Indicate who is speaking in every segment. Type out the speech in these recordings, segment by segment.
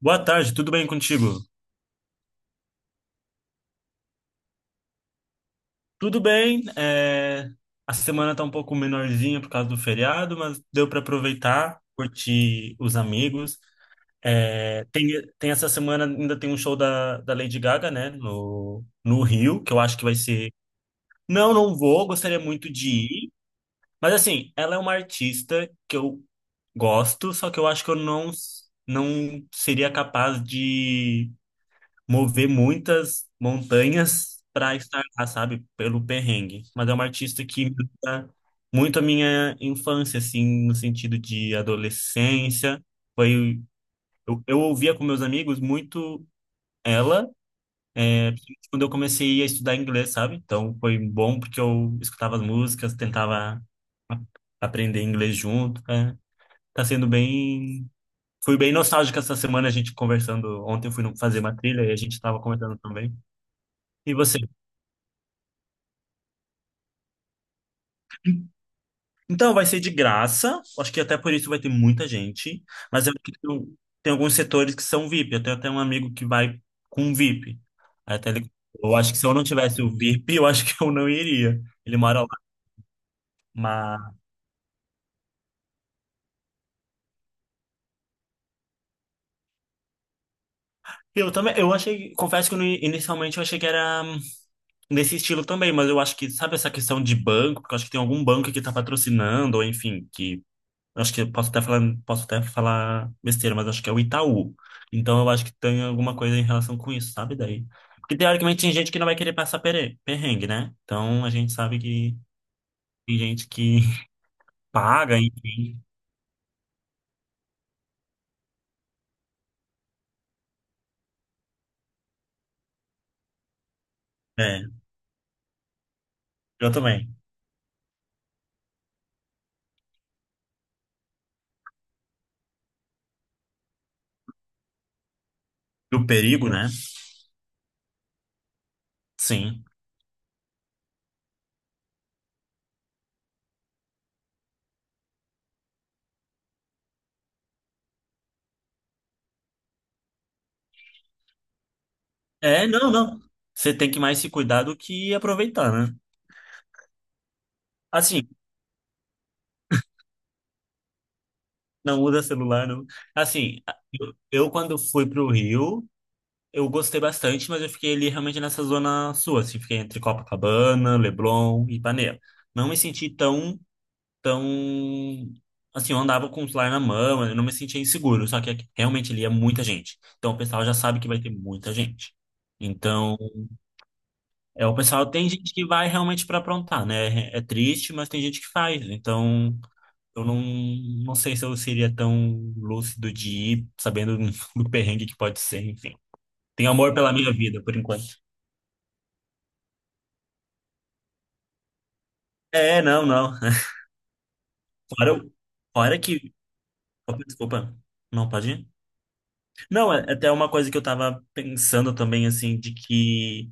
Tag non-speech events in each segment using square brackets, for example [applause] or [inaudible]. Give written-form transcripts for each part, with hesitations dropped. Speaker 1: Boa tarde, tudo bem contigo? Tudo bem, é, a semana tá um pouco menorzinha por causa do feriado, mas deu para aproveitar, curtir os amigos. É, Tem essa semana ainda tem um show da Lady Gaga, né, no Rio, que eu acho que vai ser. Não, não vou, gostaria muito de ir, mas assim, ela é uma artista que eu gosto, só que eu acho que eu não, não seria capaz de mover muitas montanhas para estar lá, sabe? Pelo perrengue. Mas é uma artista que me lembra muito a minha infância, assim, no sentido de adolescência. Foi, eu ouvia com meus amigos muito ela, principalmente quando eu comecei a estudar inglês, sabe? Então foi bom porque eu escutava as músicas, tentava a- aprender inglês junto. É, tá sendo bem. Fui bem nostálgico essa semana, a gente conversando. Ontem eu fui fazer uma trilha e a gente estava conversando também. E você? Então, vai ser de graça. Acho que até por isso vai ter muita gente. Mas eu acho que tem alguns setores que são VIP. Eu tenho até um amigo que vai com VIP. Aí até ele, eu acho que se eu não tivesse o VIP, eu acho que eu não iria. Ele mora lá. Mas eu também, eu achei, confesso que no inicialmente eu achei que era nesse estilo também, mas eu acho que, sabe essa questão de banco, porque eu acho que tem algum banco que tá patrocinando, ou enfim, que acho que eu posso até falar, besteira, mas acho que é o Itaú. Então eu acho que tem alguma coisa em relação com isso, sabe? Daí. Porque teoricamente tem gente que não vai querer passar perrengue, né? Então a gente sabe que tem gente que [laughs] paga, enfim. É, eu também. Do perigo, né? Sim. É, não, não. Você tem que mais se cuidar do que aproveitar, né? Assim, não usa celular, não. Assim, eu quando fui pro Rio. Eu gostei bastante, mas eu fiquei ali realmente nessa zona sua, assim, fiquei entre Copacabana, Leblon e Ipanema. Não me senti tão, assim, eu andava com o celular na mão, eu não me sentia inseguro, só que aqui realmente ali é muita gente. Então o pessoal já sabe que vai ter muita gente. Então, o pessoal tem gente que vai realmente para aprontar, né? É triste, mas tem gente que faz. Então, eu não, não sei se eu seria tão lúcido de ir sabendo [laughs] do perrengue que pode ser, enfim. Tenho amor pela minha vida, por enquanto. É, não, não. [laughs] Fora, fora que. Opa, desculpa. Não, pode ir? Não, é até uma coisa que eu tava pensando também, assim, de que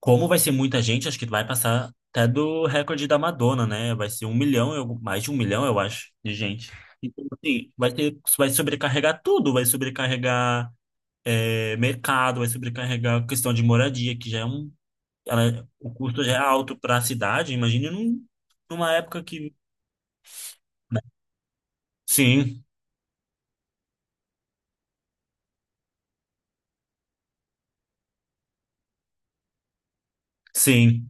Speaker 1: como vai ser muita gente, acho que vai passar até do recorde da Madonna, né? Vai ser 1 milhão, mais de 1 milhão, eu acho, de gente. Então, assim, vai ter, vai sobrecarregar tudo, vai sobrecarregar mercado, vai sobrecarregar a questão de moradia, que já é um. O custo já é alto para a cidade, imagina numa época que, né? Sim, sim.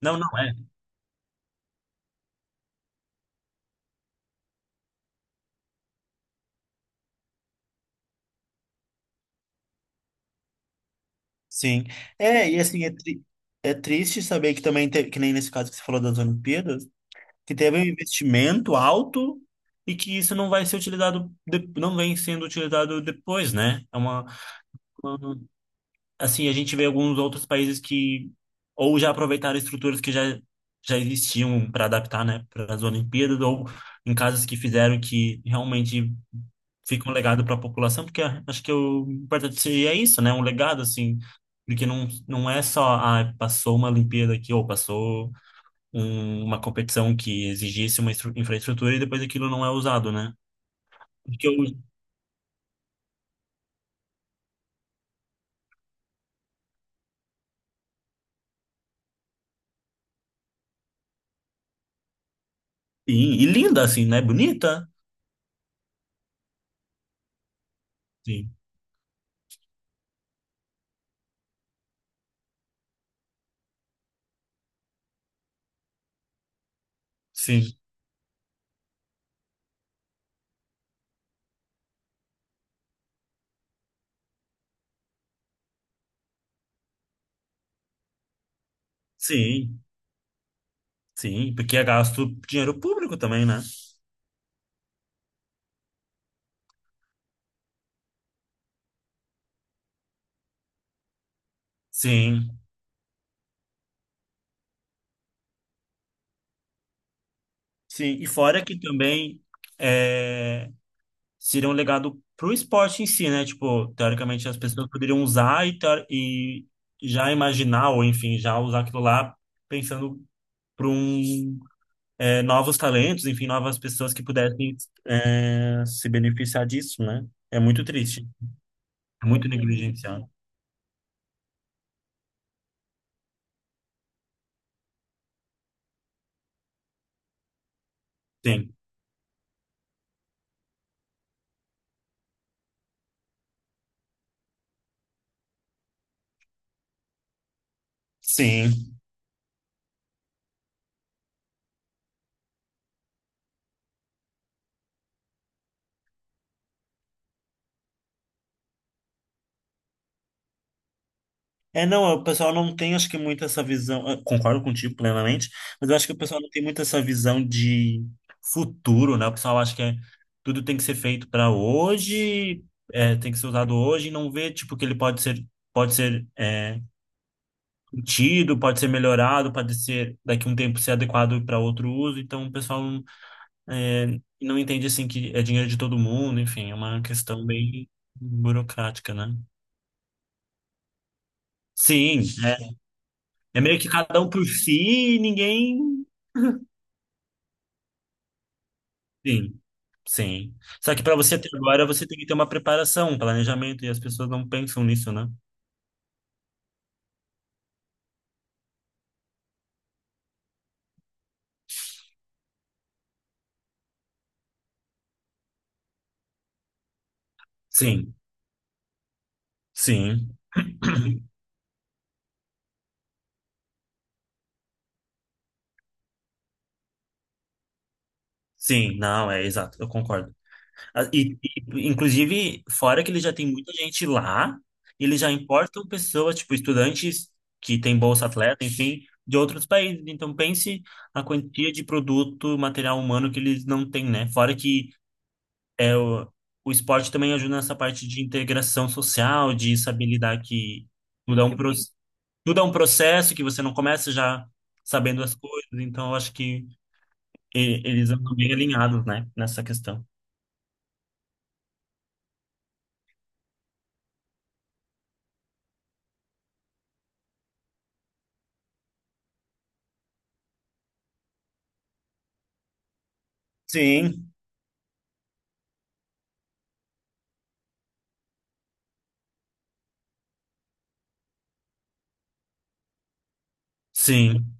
Speaker 1: Não, não é. Sim. É, e assim, é triste saber que também teve, que nem nesse caso que você falou das Olimpíadas, que teve um investimento alto e que isso não vai ser utilizado, não vem sendo utilizado depois, né? É uma, assim, a gente vê alguns outros países que ou já aproveitaram estruturas que já existiam para adaptar, né, para as Olimpíadas, ou em casas que fizeram que realmente fica um legado para a população, porque acho que o importante seria isso, né, um legado, assim, porque não, não é só, ah, passou uma Olimpíada aqui, ou passou uma competição que exigisse uma infraestrutura e depois aquilo não é usado, né? Porque eu, sim, e linda, assim, né, bonita? Sim, sim, sim. Sim, porque é gasto dinheiro público também, né? Sim, sim. E fora que também é, seria um legado pro esporte em si, né? Tipo, teoricamente as pessoas poderiam usar e, e já imaginar, ou enfim, já usar aquilo lá pensando para um, novos talentos, enfim, novas pessoas que pudessem se beneficiar disso, né? É muito triste, é muito negligenciado. Sim, sim. É, não, o pessoal não tem, acho que, muito essa visão. Concordo contigo plenamente, mas eu acho que o pessoal não tem muito essa visão de futuro, né? O pessoal acha que tudo tem que ser feito para hoje, tem que ser usado hoje, e não vê, tipo, que ele pode ser, curtido, pode ser melhorado, pode ser daqui a um tempo ser adequado para outro uso. Então, o pessoal, não entende, assim, que é dinheiro de todo mundo, enfim, é uma questão bem burocrática, né? Sim, é, é meio que cada um por si e ninguém. Sim, sim. Só que para você ter agora, você tem que ter uma preparação, um planejamento, e as pessoas não pensam nisso, né? Sim, sim. [coughs] Sim, não, é exato, eu concordo. Ah, E, inclusive, fora que ele já tem muita gente lá, eles já importam pessoas, tipo, estudantes que têm bolsa atleta, enfim, de outros países. Então, pense a quantia de produto, material humano que eles não têm, né? Fora que É, o, o esporte também ajuda nessa parte de integração social, de saber lidar que tudo é um, pro- tudo é um processo que você não começa já sabendo as coisas, então eu acho que eles andam bem alinhados, né, nessa questão. Sim, sim.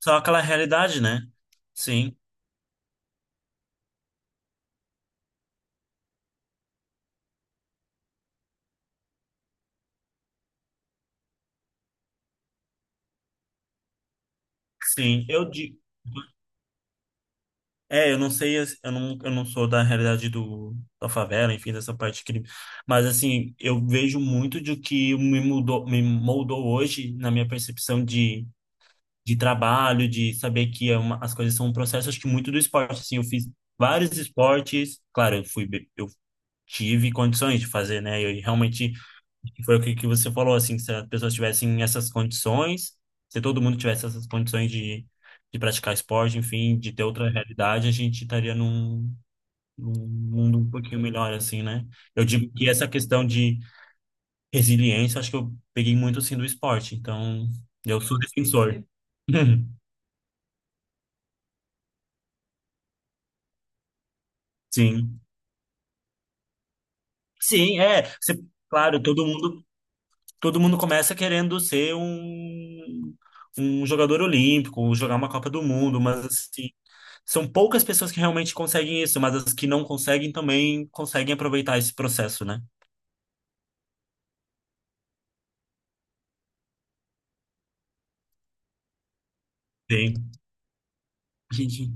Speaker 1: Só aquela realidade, né? Sim, sim. Eu não sei, eu não sou da realidade da favela, enfim, dessa parte crime. Mas, assim, eu vejo muito de o que me mudou, me moldou hoje na minha percepção de trabalho, de saber que é as coisas são um processo, acho que muito do esporte, assim, eu fiz vários esportes, claro, eu tive condições de fazer, né, e realmente foi o que, que você falou, assim, que se as pessoas tivessem essas condições, se todo mundo tivesse essas condições de praticar esporte, enfim, de ter outra realidade, a gente estaria num mundo um pouquinho melhor, assim, né, eu digo que essa questão de resiliência, acho que eu peguei muito, assim, do esporte, então, eu sou defensor. [laughs] Sim. Sim, é. Claro, todo mundo começa querendo ser um jogador olímpico, jogar uma Copa do Mundo, mas assim, são poucas pessoas que realmente conseguem isso, mas as que não conseguem também conseguem aproveitar esse processo, né? Sim. Gente,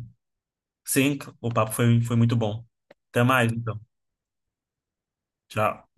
Speaker 1: sim, o papo foi muito bom. Até mais, então. Tchau.